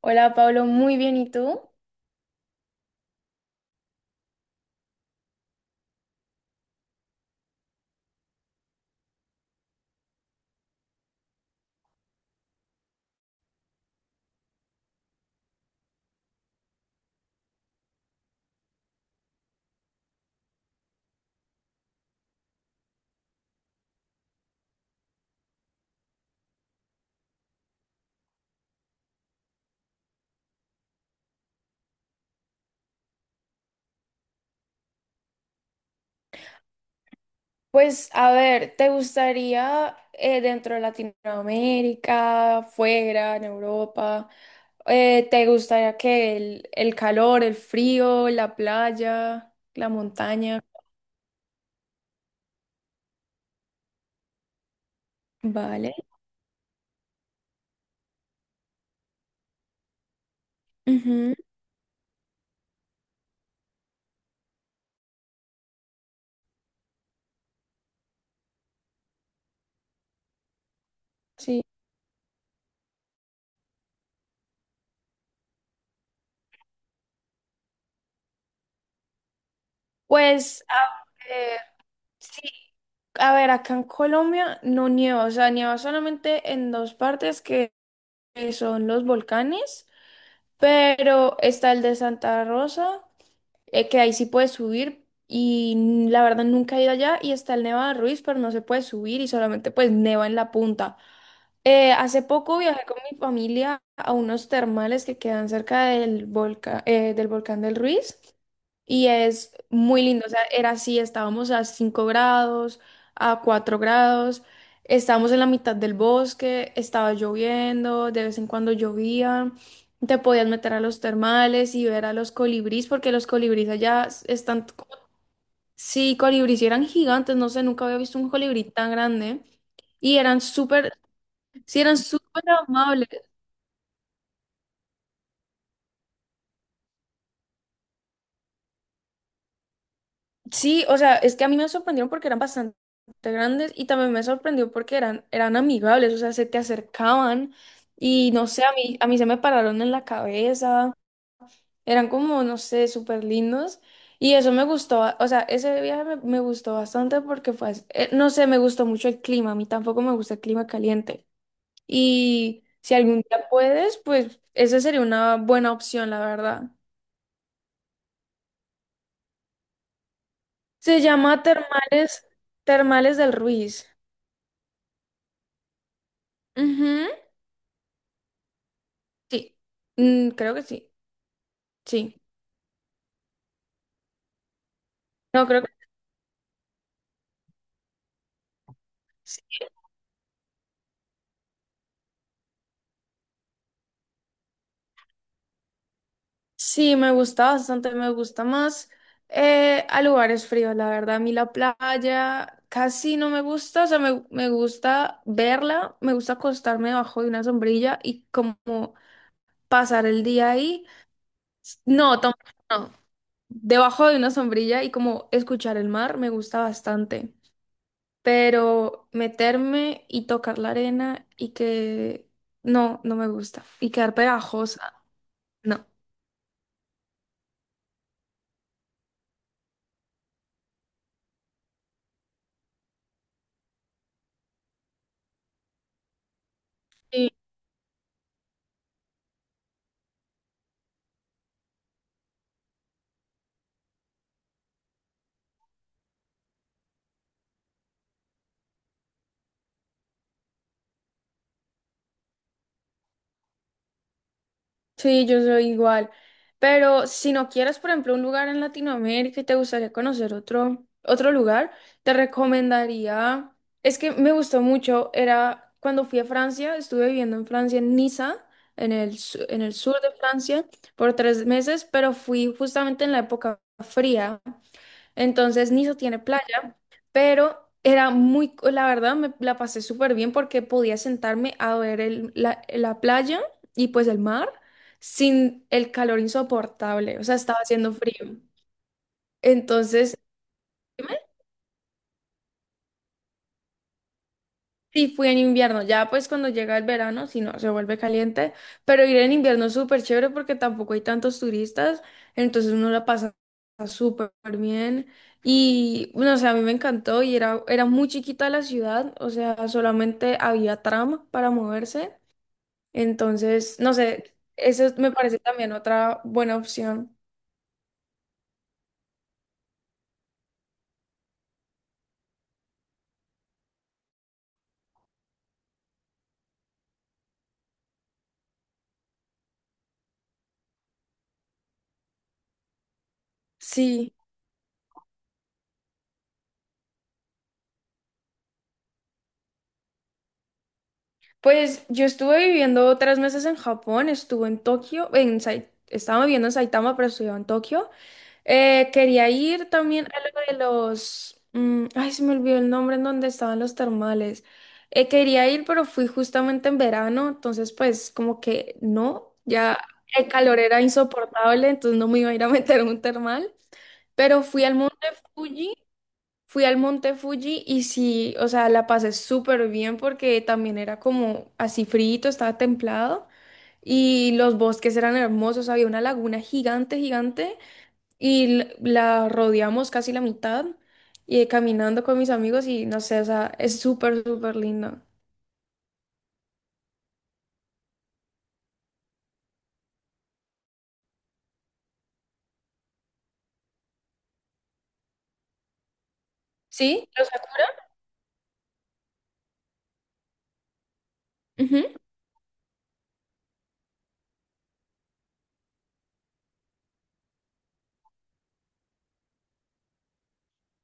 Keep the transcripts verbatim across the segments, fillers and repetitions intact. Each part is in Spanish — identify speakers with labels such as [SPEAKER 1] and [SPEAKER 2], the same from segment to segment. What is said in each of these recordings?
[SPEAKER 1] Hola Pablo, muy bien, ¿y tú? Pues a ver, ¿te gustaría eh, dentro de Latinoamérica, fuera, en Europa? Eh, ¿te gustaría que el, el calor, el frío, la playa, la montaña? Vale. Ujú, sí. Pues a ver, sí, a ver, acá en Colombia no nieva, o sea, nieva solamente en dos partes que que son los volcanes, pero está el de Santa Rosa. Eh, que ahí sí puedes subir y n- la verdad nunca he ido allá y está el Nevado de Ruiz, pero no se puede subir y solamente pues neva en la punta. Eh, hace poco viajé con mi familia a unos termales que quedan cerca del volcán, del volcán del Ruiz y es muy lindo, o sea, era así, estábamos a cinco grados, a cuatro grados, estábamos en la mitad del bosque, estaba lloviendo, de vez en cuando llovía. Te podías meter a los termales y ver a los colibrís, porque los colibrís allá s- están como... Sí, colibrís y eran gigantes, no sé, nunca había visto un colibrí tan grande. Y eran súper, sí, eran súper amables. Sí, o sea, es que a mí me sorprendieron porque eran bastante grandes y también me sorprendió porque eran, eran amigables, o sea, se te acercaban y no sé, a mí, a mí se me pararon en la cabeza. Eran como, no sé, súper lindos. Y eso me gustó, o sea, ese viaje me, me gustó bastante porque fue, as- eh, no sé, me gustó mucho el clima, a mí tampoco me gusta el clima caliente. Y si algún día puedes, pues esa sería una buena opción, la verdad. Se llama Termales, Termales del Ruiz. Ujú, sí, mm, creo que sí, sí. No, creo que sí. Sí, me gusta bastante, me gusta más eh, a lugares fríos, la verdad. A mí la playa casi no me gusta, o sea, me, me gusta verla, me gusta acostarme debajo de una sombrilla y como pasar el día ahí. No, tampoco, no, debajo de una sombrilla y como escuchar el mar me gusta bastante, pero meterme y tocar la arena y que no, no me gusta y quedar pegajosa, no. Sí, yo soy igual. Pero si no quieres, por ejemplo, un lugar en Latinoamérica y te gustaría conocer otro, otro lugar, te recomendaría. Es que me gustó mucho. Era cuando fui a Francia, estuve viviendo en Francia, en Niza, en el, su- en el sur de Francia, por tres meses, pero fui justamente en la época fría. Entonces, Niza tiene playa pero era muy, la verdad me la pasé súper bien porque podía sentarme a ver el- la, la playa y pues el mar sin el calor insoportable, o sea, estaba haciendo frío. Entonces, sí, fui en invierno, ya pues cuando llega el verano, si no, se vuelve caliente, pero ir en invierno es súper chévere porque tampoco hay tantos turistas, entonces uno la pasa súper bien y no sé, a mí me encantó y era, era muy chiquita la ciudad, o sea, solamente había tram para moverse, entonces, no sé, eso me parece también otra buena opción. Sí. Pues yo estuve viviendo tres meses en Japón, estuve en Tokio, en Sai- estaba viviendo en Saitama, pero estudiaba en Tokio. Eh, quería ir también a lo de los... mm, ay, se me olvidó el nombre en donde estaban los termales. Eh, quería ir, pero fui justamente en verano, entonces pues como que no, ya el calor era insoportable, entonces no me iba a ir a meter a un termal. Pero fui al monte Fuji Fui al Monte Fuji y sí, o sea, la pasé súper bien porque también era como así frito, estaba templado y los bosques eran hermosos, había una laguna gigante, gigante y l- la rodeamos casi la mitad y eh, caminando con mis amigos y no sé, o sea, es súper, súper lindo. ¿Sí? ¿Los Sakura? Ujú.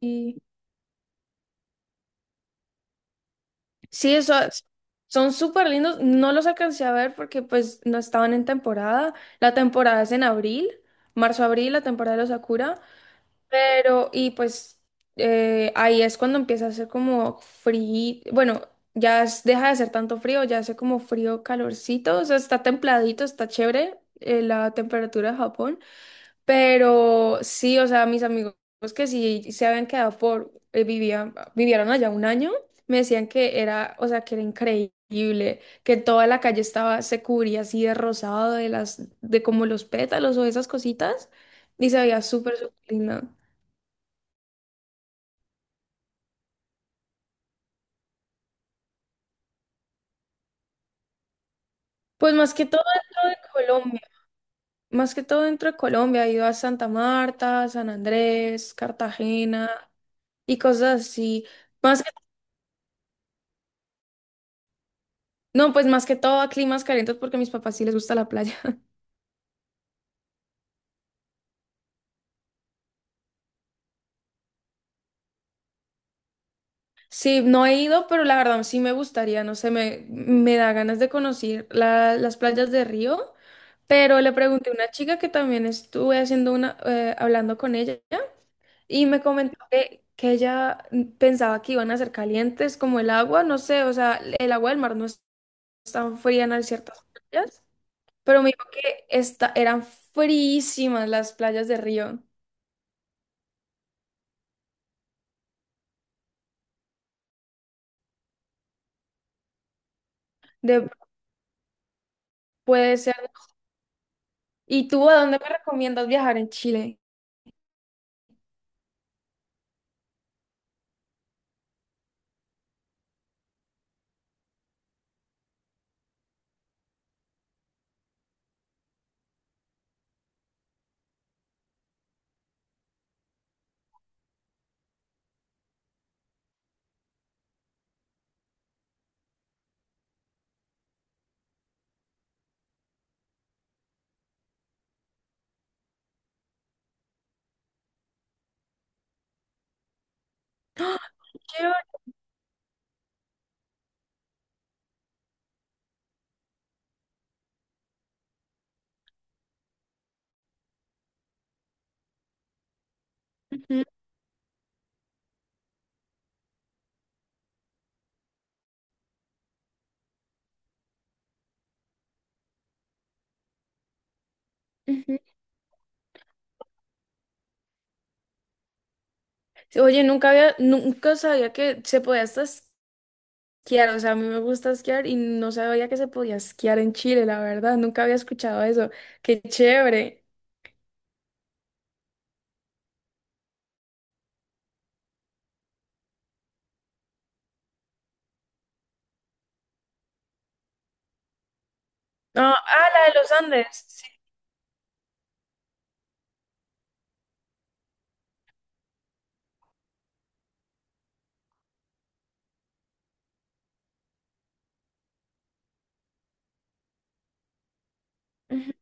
[SPEAKER 1] Y sí, eso, son súper lindos, no los alcancé a ver porque pues no estaban en temporada, la temporada es en abril, marzo-abril, la temporada de los Sakura. Pero, y pues eh, ahí es cuando empieza a hacer como frío, bueno, ya es- deja de ser tanto frío, ya hace como frío, calorcito, o sea, está templadito, está chévere eh, la temperatura de Japón, pero sí, o sea, mis amigos que sí se habían quedado por, eh, vivían, vivieron allá un año, me decían que era, o sea, que era increíble, que toda la calle estaba, se cubría así de rosado, de las, de como los pétalos o esas cositas, y se veía súper, súper linda. Pues más que todo dentro de Colombia, más que todo dentro de Colombia, he ido a Santa Marta, San Andrés, Cartagena y cosas así. Más que, no, pues más que todo a climas calientes porque a mis papás sí les gusta la playa. Sí, no he ido, pero la verdad sí me gustaría, no sé, me, me da ganas de conocer la- las playas de Río, pero le pregunté a una chica que también estuve haciendo una, eh, hablando con ella y me comentó que, que ella mm, pensaba que iban a ser calientes como el agua, no sé, o sea, el agua del mar no es tan fría en ciertas playas, pero me dijo que esta, eran frísimas las playas de Río. De, puede ser. ¿Y tú a dónde me recomiendas viajar en Chile? Quiero... ujú, ujú. Sí, oye, nunca había, nunca sabía que se podía hasta esquiar. O sea, a mí me gusta esquiar y no sabía que se podía esquiar en Chile, la verdad. Nunca había escuchado eso. Qué chévere. No, ah, la de los Andes. Sí.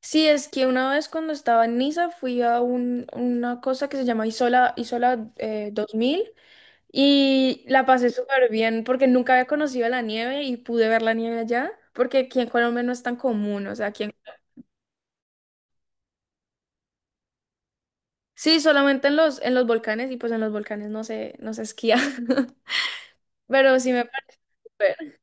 [SPEAKER 1] Sí, es que una vez cuando estaba en Niza fui a un- una cosa que se llama Isola, Isola eh, dos mil y la pasé súper bien porque nunca había conocido la nieve y pude ver la nieve allá porque aquí en Colombia no es tan común, o sea, aquí en... Sí, solamente en los, en los volcanes y pues en los volcanes no se, no se esquía, pero sí me parece súper.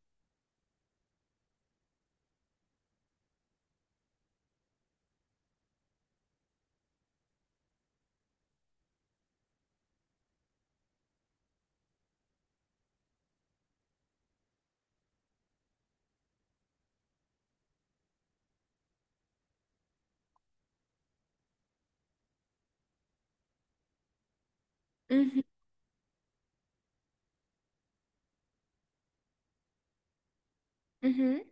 [SPEAKER 1] Ujú, ujú.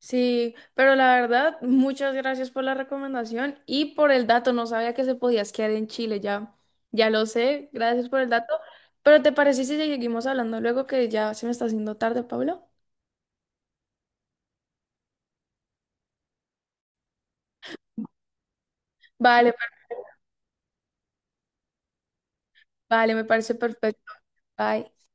[SPEAKER 1] Sí, pero la verdad, muchas gracias por la recomendación y por el dato. No sabía que se podía esquiar en Chile, ya, ya lo sé. Gracias por el dato. Pero ¿te parece si seguimos hablando luego que ya se me está haciendo tarde, Pablo? Vale, per... vale, me parece perfecto. Bye.